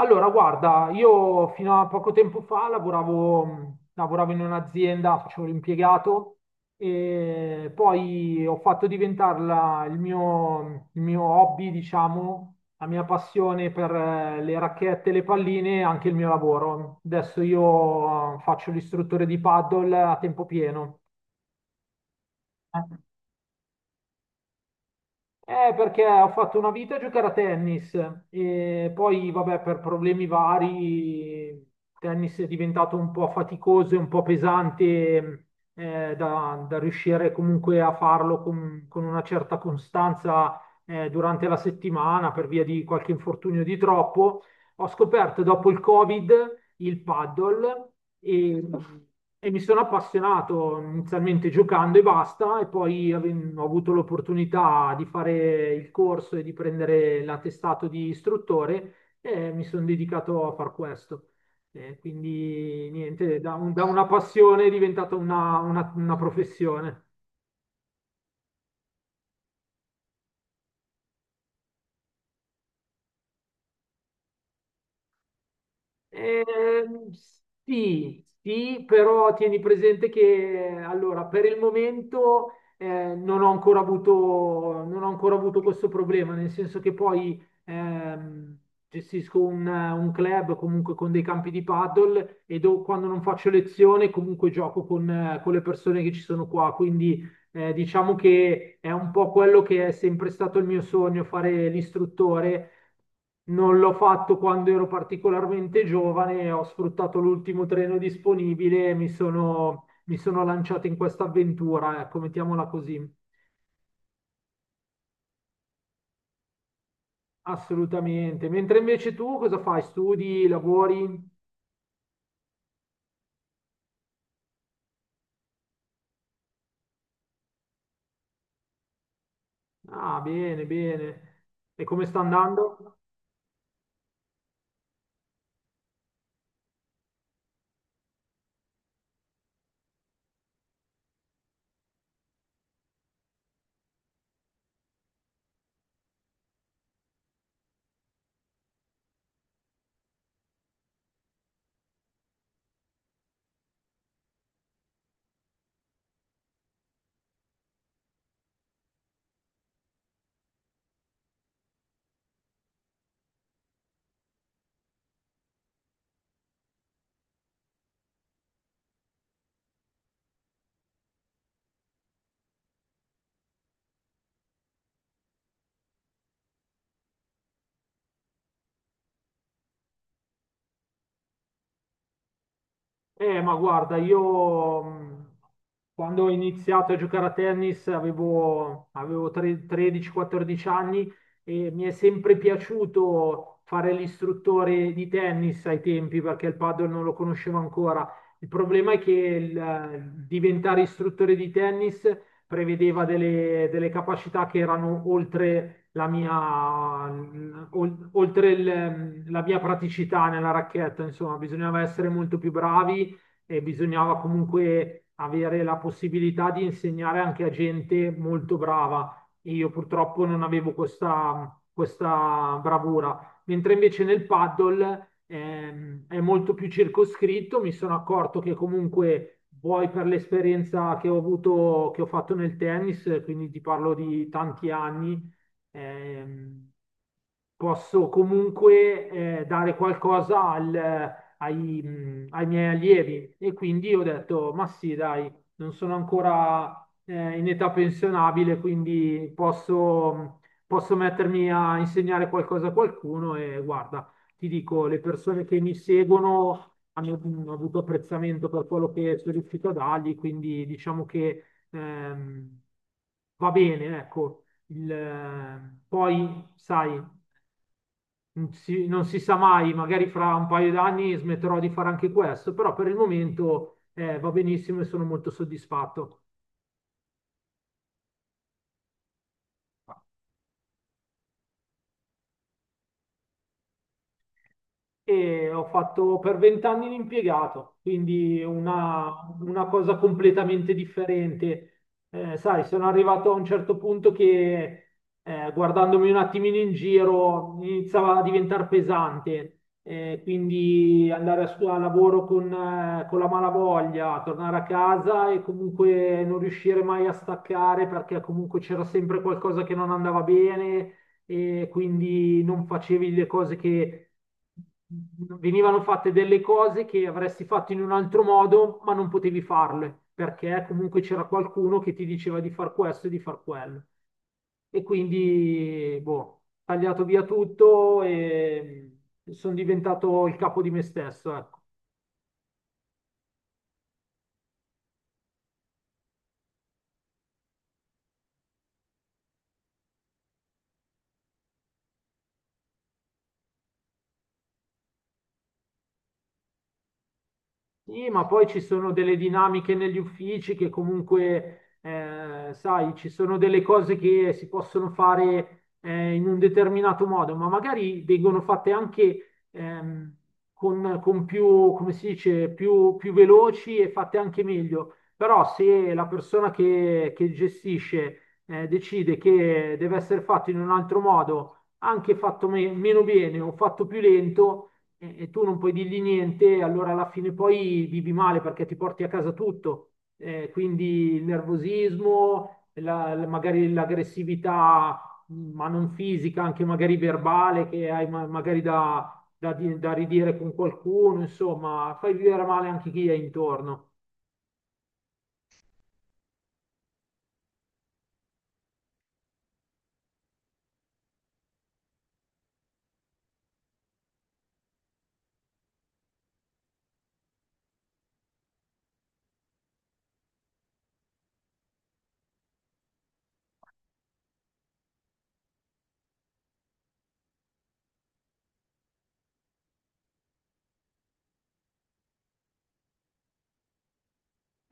Allora, guarda, io fino a poco tempo fa lavoravo, lavoravo in un'azienda, facevo l'impiegato e poi ho fatto diventare il mio hobby, diciamo, la mia passione per le racchette, le palline, e anche il mio lavoro. Adesso io faccio l'istruttore di paddle a tempo pieno. Perché ho fatto una vita a giocare a tennis e poi, vabbè, per problemi vari, il tennis è diventato un po' faticoso e un po' pesante da riuscire comunque a farlo con una certa costanza durante la settimana per via di qualche infortunio di troppo. Ho scoperto dopo il Covid il paddle e, e mi sono appassionato inizialmente giocando e basta, e poi ho avuto l'opportunità di fare il corso e di prendere l'attestato di istruttore e mi sono dedicato a far questo. Quindi niente, da una passione è diventata una professione. Ehm, sì, sì, però tieni presente che allora, per il momento non ho ancora avuto, non ho ancora avuto questo problema, nel senso che poi gestisco un club comunque con dei campi di paddle e quando non faccio lezione comunque gioco con le persone che ci sono qua, quindi diciamo che è un po' quello che è sempre stato il mio sogno, fare l'istruttore non l'ho fatto quando ero particolarmente giovane, ho sfruttato l'ultimo treno disponibile e mi sono lanciato in questa avventura, ecco, mettiamola così. Assolutamente. Mentre invece tu cosa fai? Studi, lavori? Ah, bene, bene. E come sta andando? Ma guarda, io quando ho iniziato a giocare a tennis avevo, 13-14 anni e mi è sempre piaciuto fare l'istruttore di tennis ai tempi perché il padel non lo conoscevo ancora. Il problema è che diventare istruttore di tennis prevedeva delle, delle capacità che erano oltre la mia, la mia praticità nella racchetta, insomma, bisognava essere molto più bravi e bisognava comunque avere la possibilità di insegnare anche a gente molto brava. E io purtroppo non avevo questa, questa bravura, mentre invece nel paddle è molto più circoscritto, mi sono accorto che comunque vuoi per l'esperienza che ho avuto, che ho fatto nel tennis, quindi ti parlo di tanti anni, ehm, posso comunque dare qualcosa ai, ai miei allievi. E quindi ho detto, ma sì, dai, non sono ancora in età pensionabile, quindi posso, posso mettermi a insegnare qualcosa a qualcuno e guarda, ti dico, le persone che mi seguono hanno, hanno avuto apprezzamento per quello che sono riuscito a dargli, quindi diciamo che ehm, va bene, ecco. Poi, sai, non si sa mai, magari fra un paio d'anni smetterò di fare anche questo, però per il momento va benissimo e sono molto soddisfatto. E ho fatto per vent'anni l'impiegato, quindi una cosa completamente differente. Sai, sono arrivato a un certo punto che guardandomi un attimino in giro iniziava a diventare pesante. Quindi andare a lavoro con la malavoglia, tornare a casa e comunque non riuscire mai a staccare perché comunque c'era sempre qualcosa che non andava bene e quindi non facevi le cose che venivano fatte delle cose che avresti fatto in un altro modo, ma non potevi farle, perché comunque c'era qualcuno che ti diceva di far questo e di far quello. E quindi, boh, tagliato via tutto e sono diventato il capo di me stesso, ecco. Sì, ma poi ci sono delle dinamiche negli uffici che comunque, sai, ci sono delle cose che si possono fare in un determinato modo, ma magari vengono fatte anche con più, come si dice, più veloci e fatte anche meglio. Però se la persona che gestisce decide che deve essere fatto in un altro modo, anche fatto meno bene o fatto più lento, e tu non puoi dirgli niente, allora alla fine poi vivi male perché ti porti a casa tutto. Quindi il nervosismo, magari l'aggressività, ma non fisica, anche magari verbale, che hai magari da ridire con qualcuno, insomma, fai vivere male anche chi è intorno.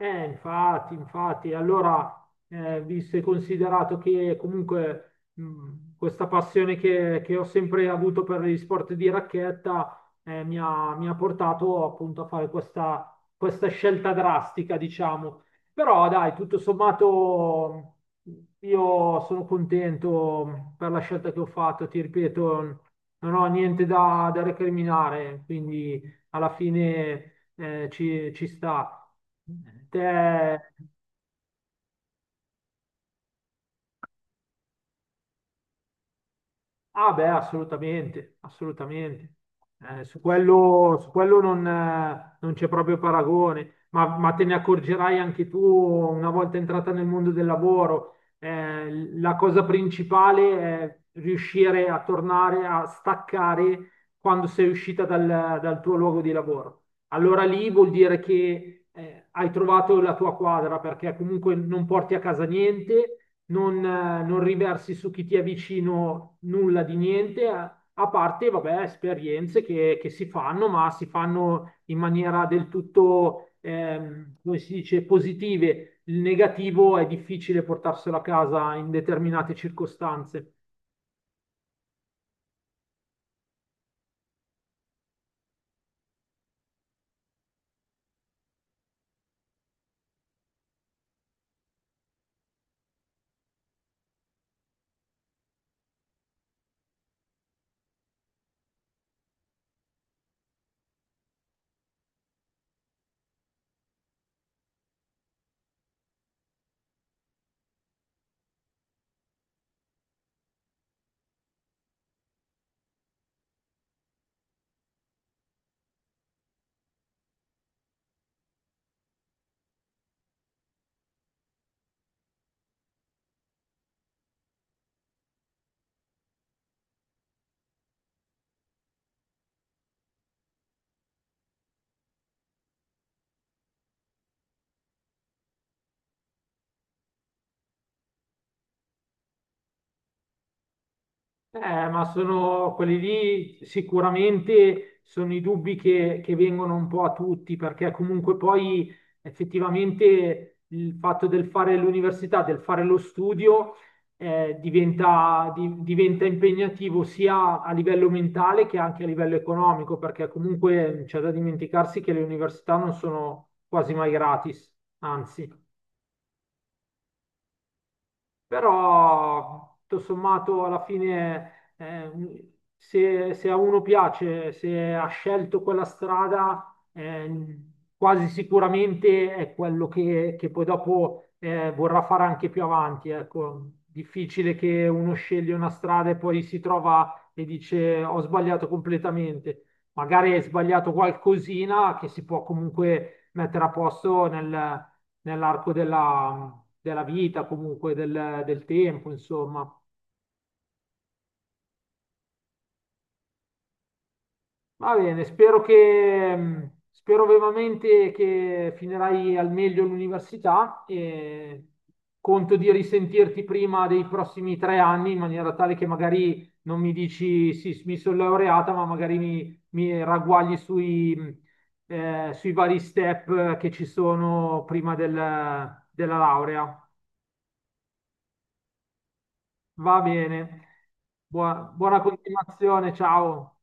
Infatti, infatti, allora, visto e considerato che comunque questa passione che ho sempre avuto per gli sport di racchetta mi ha portato appunto a fare questa, questa scelta drastica, diciamo. Però dai, tutto sommato mh, io sono contento per la scelta che ho fatto, ti ripeto, non ho niente da recriminare, quindi alla fine ci sta. Te- Ah beh, assolutamente, assolutamente. Su quello non c'è proprio paragone, ma te ne accorgerai anche tu una volta entrata nel mondo del lavoro. La cosa principale è riuscire a tornare a staccare quando sei uscita dal tuo luogo di lavoro. Allora lì vuol dire che hai trovato la tua quadra perché comunque non porti a casa niente non riversi su chi ti è vicino nulla di niente, a parte, vabbè, esperienze che si fanno, ma si fanno in maniera del tutto, come si dice, positive. Il negativo è difficile portarselo a casa in determinate circostanze. Eh, ma sono quelli lì sicuramente sono i dubbi che vengono un po' a tutti, perché comunque poi effettivamente il fatto del fare l'università, del fare lo studio, diventa impegnativo sia a livello mentale che anche a livello economico, perché comunque c'è da dimenticarsi che le università non sono quasi mai gratis, anzi. Però, tutto sommato, alla fine, se a uno piace, se ha scelto quella strada, quasi sicuramente è quello che poi dopo vorrà fare anche più avanti. Ecco, difficile che uno sceglie una strada e poi si trova e dice ho sbagliato completamente. Magari hai sbagliato qualcosina che si può comunque mettere a posto nell'arco della, della vita, comunque del, del tempo, insomma. Va bene, spero che, spero vivamente che finirai al meglio l'università e conto di risentirti prima dei prossimi 3 anni in maniera tale che magari non mi dici sì, mi sono laureata, ma magari mi, mi ragguagli sui, sui vari step che ci sono della laurea. Va bene. Buona, buona continuazione, ciao.